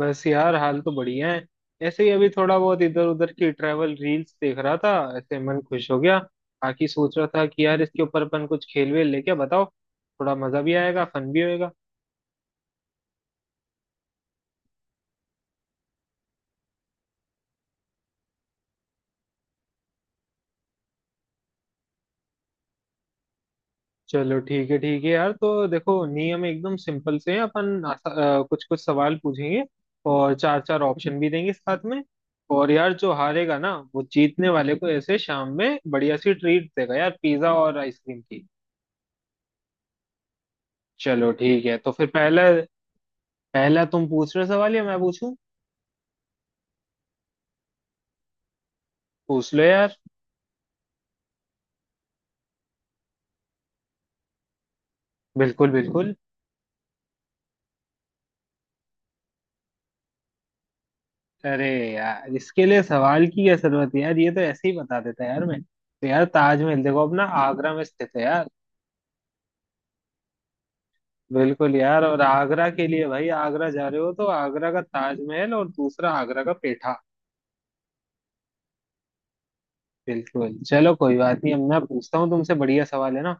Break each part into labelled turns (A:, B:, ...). A: बस यार हाल तो बढ़िया है। ऐसे ही अभी थोड़ा बहुत इधर उधर की ट्रैवल रील्स देख रहा था। ऐसे मन खुश हो गया। बाकी सोच रहा था कि यार इसके ऊपर अपन कुछ खेल वेल लेके बताओ। थोड़ा मजा भी आएगा, फन भी होएगा। चलो ठीक है यार, तो देखो नियम एकदम सिंपल से है। अपन कुछ कुछ सवाल पूछेंगे और चार चार ऑप्शन भी देंगे साथ में। और यार जो हारेगा ना वो जीतने वाले को ऐसे शाम में बढ़िया सी ट्रीट देगा यार, पिज्जा और आइसक्रीम की। चलो ठीक है, तो फिर पहला। पहला तुम पूछ रहे हो सवाल या मैं पूछूं? पूछ लो यार। बिल्कुल बिल्कुल। अरे यार, इसके लिए सवाल की क्या जरूरत है यार, ये तो ऐसे ही बता देता है यार। मैं तो यार ताजमहल देखो अपना आगरा में स्थित है यार। बिल्कुल यार, और आगरा के लिए भाई, आगरा जा रहे हो तो आगरा का ताजमहल और दूसरा आगरा का पेठा। बिल्कुल, चलो कोई बात नहीं, अब मैं पूछता हूँ तुमसे। बढ़िया सवाल है ना।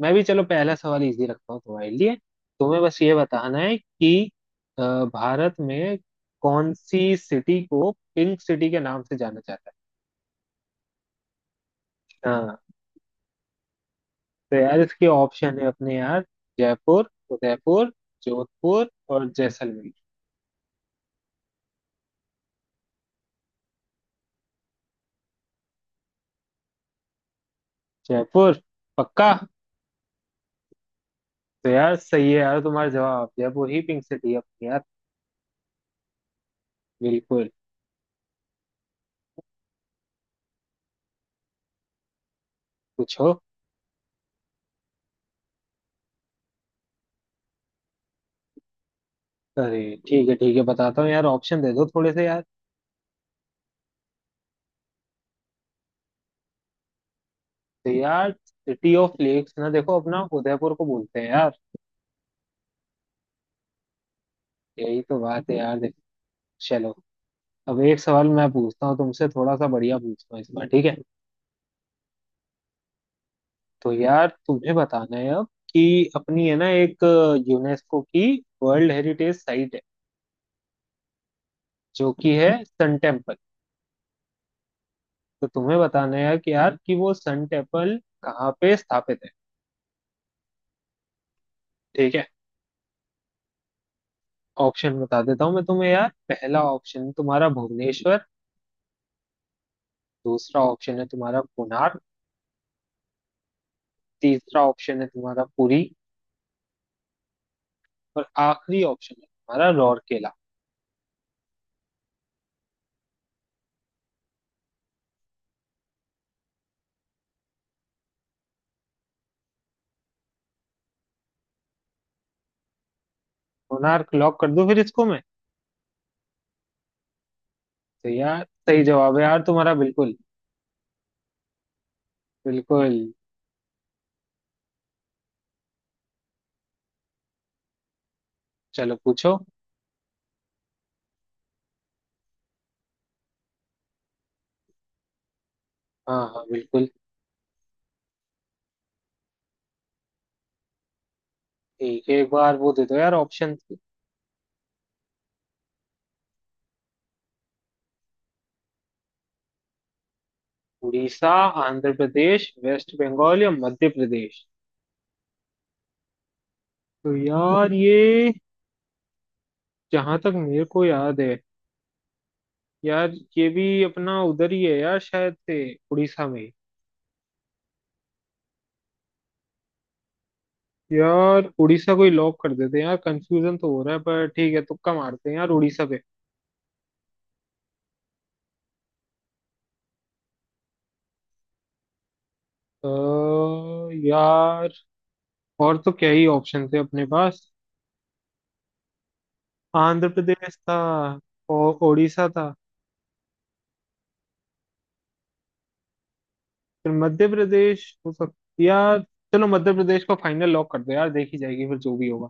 A: मैं भी चलो पहला सवाल इजी रखता हूँ तुम्हारे लिए। तुम्हें बस ये बताना है कि अ, भारत में कौन सी सिटी को पिंक सिटी के नाम से जाना जाता है। हाँ, तो यार इसके ऑप्शन है अपने यार, जयपुर, उदयपुर, जोधपुर और जैसलमेर। जयपुर पक्का? तो यार सही है यार तुम्हारा जवाब, जयपुर ही पिंक सिटी है अपनी यार। बिल्कुल। पूछो। अरे ठीक है ठीक है, बताता हूँ यार, ऑप्शन दे दो थोड़े से यार। तो यार सिटी ऑफ लेक्स ना देखो अपना उदयपुर को बोलते हैं यार। यही तो बात है यार, देखो। चलो। अब एक सवाल मैं पूछता हूँ तुमसे, थोड़ा सा बढ़िया पूछता हूँ इस बार ठीक है। तो यार तुम्हें बताना है अब, कि अपनी है ना एक यूनेस्को की वर्ल्ड हेरिटेज साइट है जो कि है सन टेम्पल। तो तुम्हें बताना है कि यार कि वो सन टेम्पल कहाँ पे स्थापित है। ठीक है, ऑप्शन बता देता हूँ मैं तुम्हें यार। पहला ऑप्शन है तुम्हारा भुवनेश्वर, दूसरा ऑप्शन है तुम्हारा कोणार्क, तीसरा ऑप्शन है तुम्हारा पुरी और आखिरी ऑप्शन है तुम्हारा राउरकेला। कोणार्क लॉक कर दूं फिर इसको मैं? तो यार सही जवाब है यार तुम्हारा, बिल्कुल। बिल्कुल। चलो पूछो। हाँ हाँ बिल्कुल। ठीक है, एक बार वो दे दो यार ऑप्शन। उड़ीसा, आंध्र प्रदेश, वेस्ट बंगाल या मध्य प्रदेश? तो यार ये, जहां तक मेरे को याद है यार, ये भी अपना उधर ही है यार शायद से, उड़ीसा में ही। यार उड़ीसा को ही लॉक कर देते हैं यार, कंफ्यूजन तो हो रहा है पर ठीक है, तुक्का मारते हैं यार उड़ीसा पे। अ, यार और तो क्या ही ऑप्शन थे अपने पास। आंध्र प्रदेश था और उड़ीसा था। फिर मध्य प्रदेश हो सकता यार। चलो मध्य प्रदेश को फाइनल लॉक कर दो यार, देखी जाएगी फिर जो भी होगा।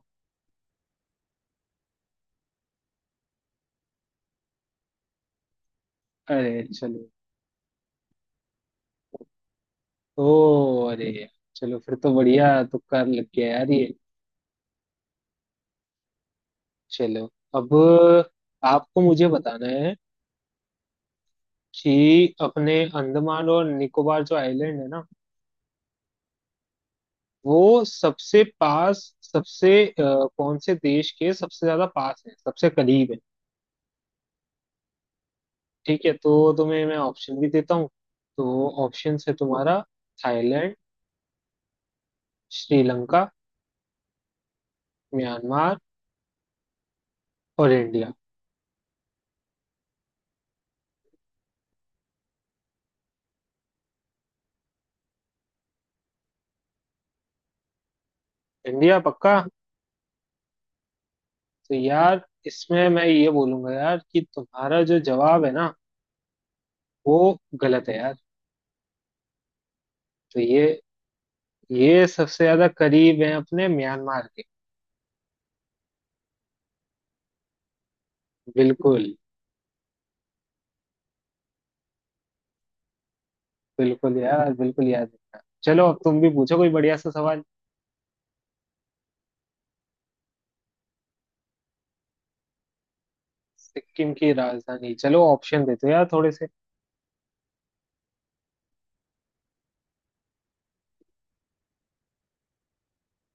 A: अरे चलो। ओ अरे यार, चलो फिर तो बढ़िया तुक्का लग गया यार ये। चलो। अब आपको मुझे बताना है, कि अपने अंडमान और निकोबार जो आइलैंड है ना, वो सबसे पास, सबसे कौन से देश के सबसे ज्यादा पास है, सबसे करीब है। ठीक है, तो तुम्हें मैं ऑप्शन भी देता हूँ। तो ऑप्शन है तुम्हारा थाईलैंड, श्रीलंका, म्यांमार और इंडिया। इंडिया पक्का? तो यार इसमें मैं ये बोलूंगा यार कि तुम्हारा जो जवाब है ना, वो गलत है यार। तो ये सबसे ज्यादा करीब है अपने म्यांमार के। बिल्कुल। बिल्कुल यार बिल्कुल याद रखना। चलो अब तुम भी पूछो कोई बढ़िया सा सवाल। सिक्किम की राजधानी, चलो ऑप्शन देते हो यार थोड़े से।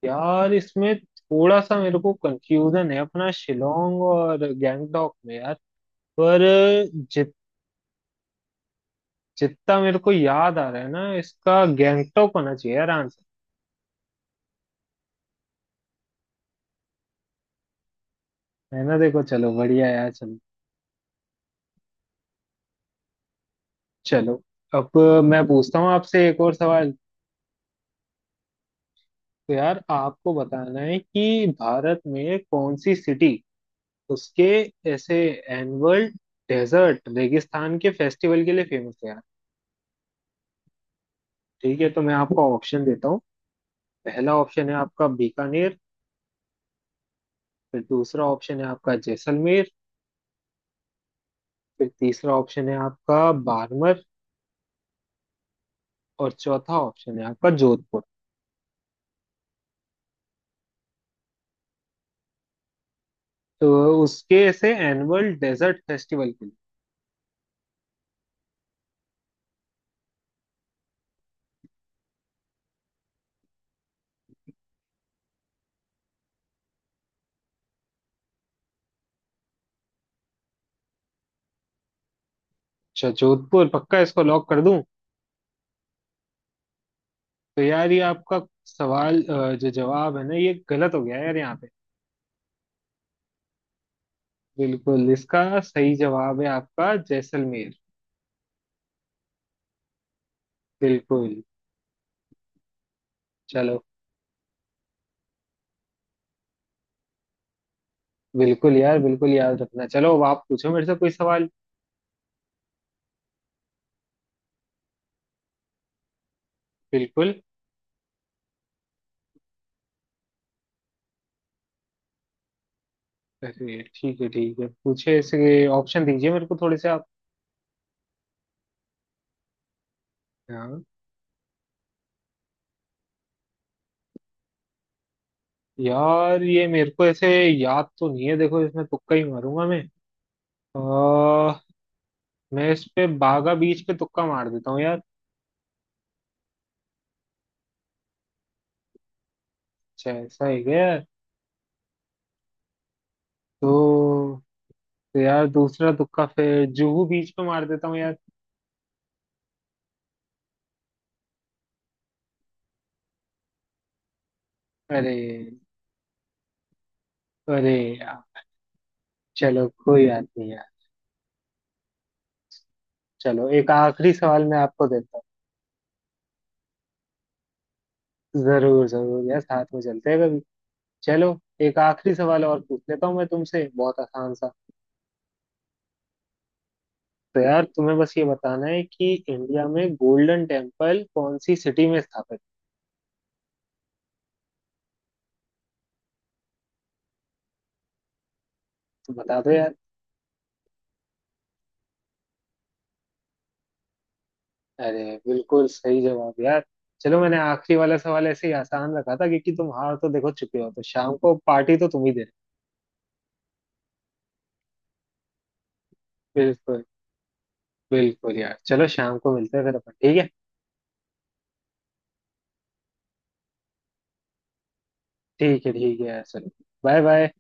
A: यार इसमें थोड़ा सा मेरे को कंफ्यूजन है अपना शिलोंग और गैंगटॉक में यार। पर जित जितना मेरे को याद आ रहा है ना, इसका गैंगटॉक होना चाहिए यार आंसर। है ना, देखो चलो बढ़िया यार। चलो। चलो अब मैं पूछता हूँ आपसे एक और सवाल। तो यार आपको बताना है कि भारत में कौन सी सिटी उसके ऐसे एनुअल डेजर्ट रेगिस्तान के फेस्टिवल के लिए फेमस है यार। ठीक है, तो मैं आपको ऑप्शन देता हूँ। पहला ऑप्शन है आपका बीकानेर, फिर दूसरा ऑप्शन है आपका जैसलमेर, फिर तीसरा ऑप्शन है आपका बाड़मेर और चौथा ऑप्शन है आपका जोधपुर। तो उसके ऐसे एनुअल डेजर्ट फेस्टिवल के लिए। अच्छा जोधपुर पक्का, इसको लॉक कर दूं? तो यार ये आपका सवाल, जो जवाब है ना ये गलत हो गया यार यहाँ पे। बिल्कुल, इसका सही जवाब है आपका जैसलमेर। बिल्कुल। चलो। बिल्कुल यार बिल्कुल याद रखना। चलो अब आप पूछो मेरे से कोई सवाल। बिल्कुल। अरे ठीक है पूछे, इसके ऑप्शन दीजिए मेरे को थोड़े से। आप यार ये मेरे को ऐसे याद तो नहीं है, देखो इसमें तुक्का ही मारूंगा मैं। आ, मैं इस पे बागा बीच पे तुक्का मार देता हूँ यार। अच्छा ऐसा है क्या यार? तो, तो यार दूसरा तुक्का फिर जुहू बीच पे मार देता हूँ यार। अरे। अरे यार चलो कोई बात नहीं यार। चलो एक आखिरी सवाल मैं आपको देता हूँ। जरूर जरूर यार, साथ में चलते हैं कभी। चलो। एक आखिरी सवाल और पूछ लेता हूँ मैं तुमसे, बहुत आसान सा। तो यार तुम्हें बस ये बताना है कि इंडिया में गोल्डन टेम्पल कौन सी सिटी में स्थापित। तो बता दो यार। अरे बिल्कुल सही जवाब यार। चलो मैंने आखिरी वाला सवाल ऐसे ही आसान रखा था, क्योंकि तुम हार तो देखो चुके हो, तो शाम को पार्टी तो तुम ही दे रहे हो। बिल्कुल। बिल्कुल यार चलो, शाम को मिलते हैं फिर अपन, ठीक है। ठीक है ठीक है यार, चलो। Bye bye.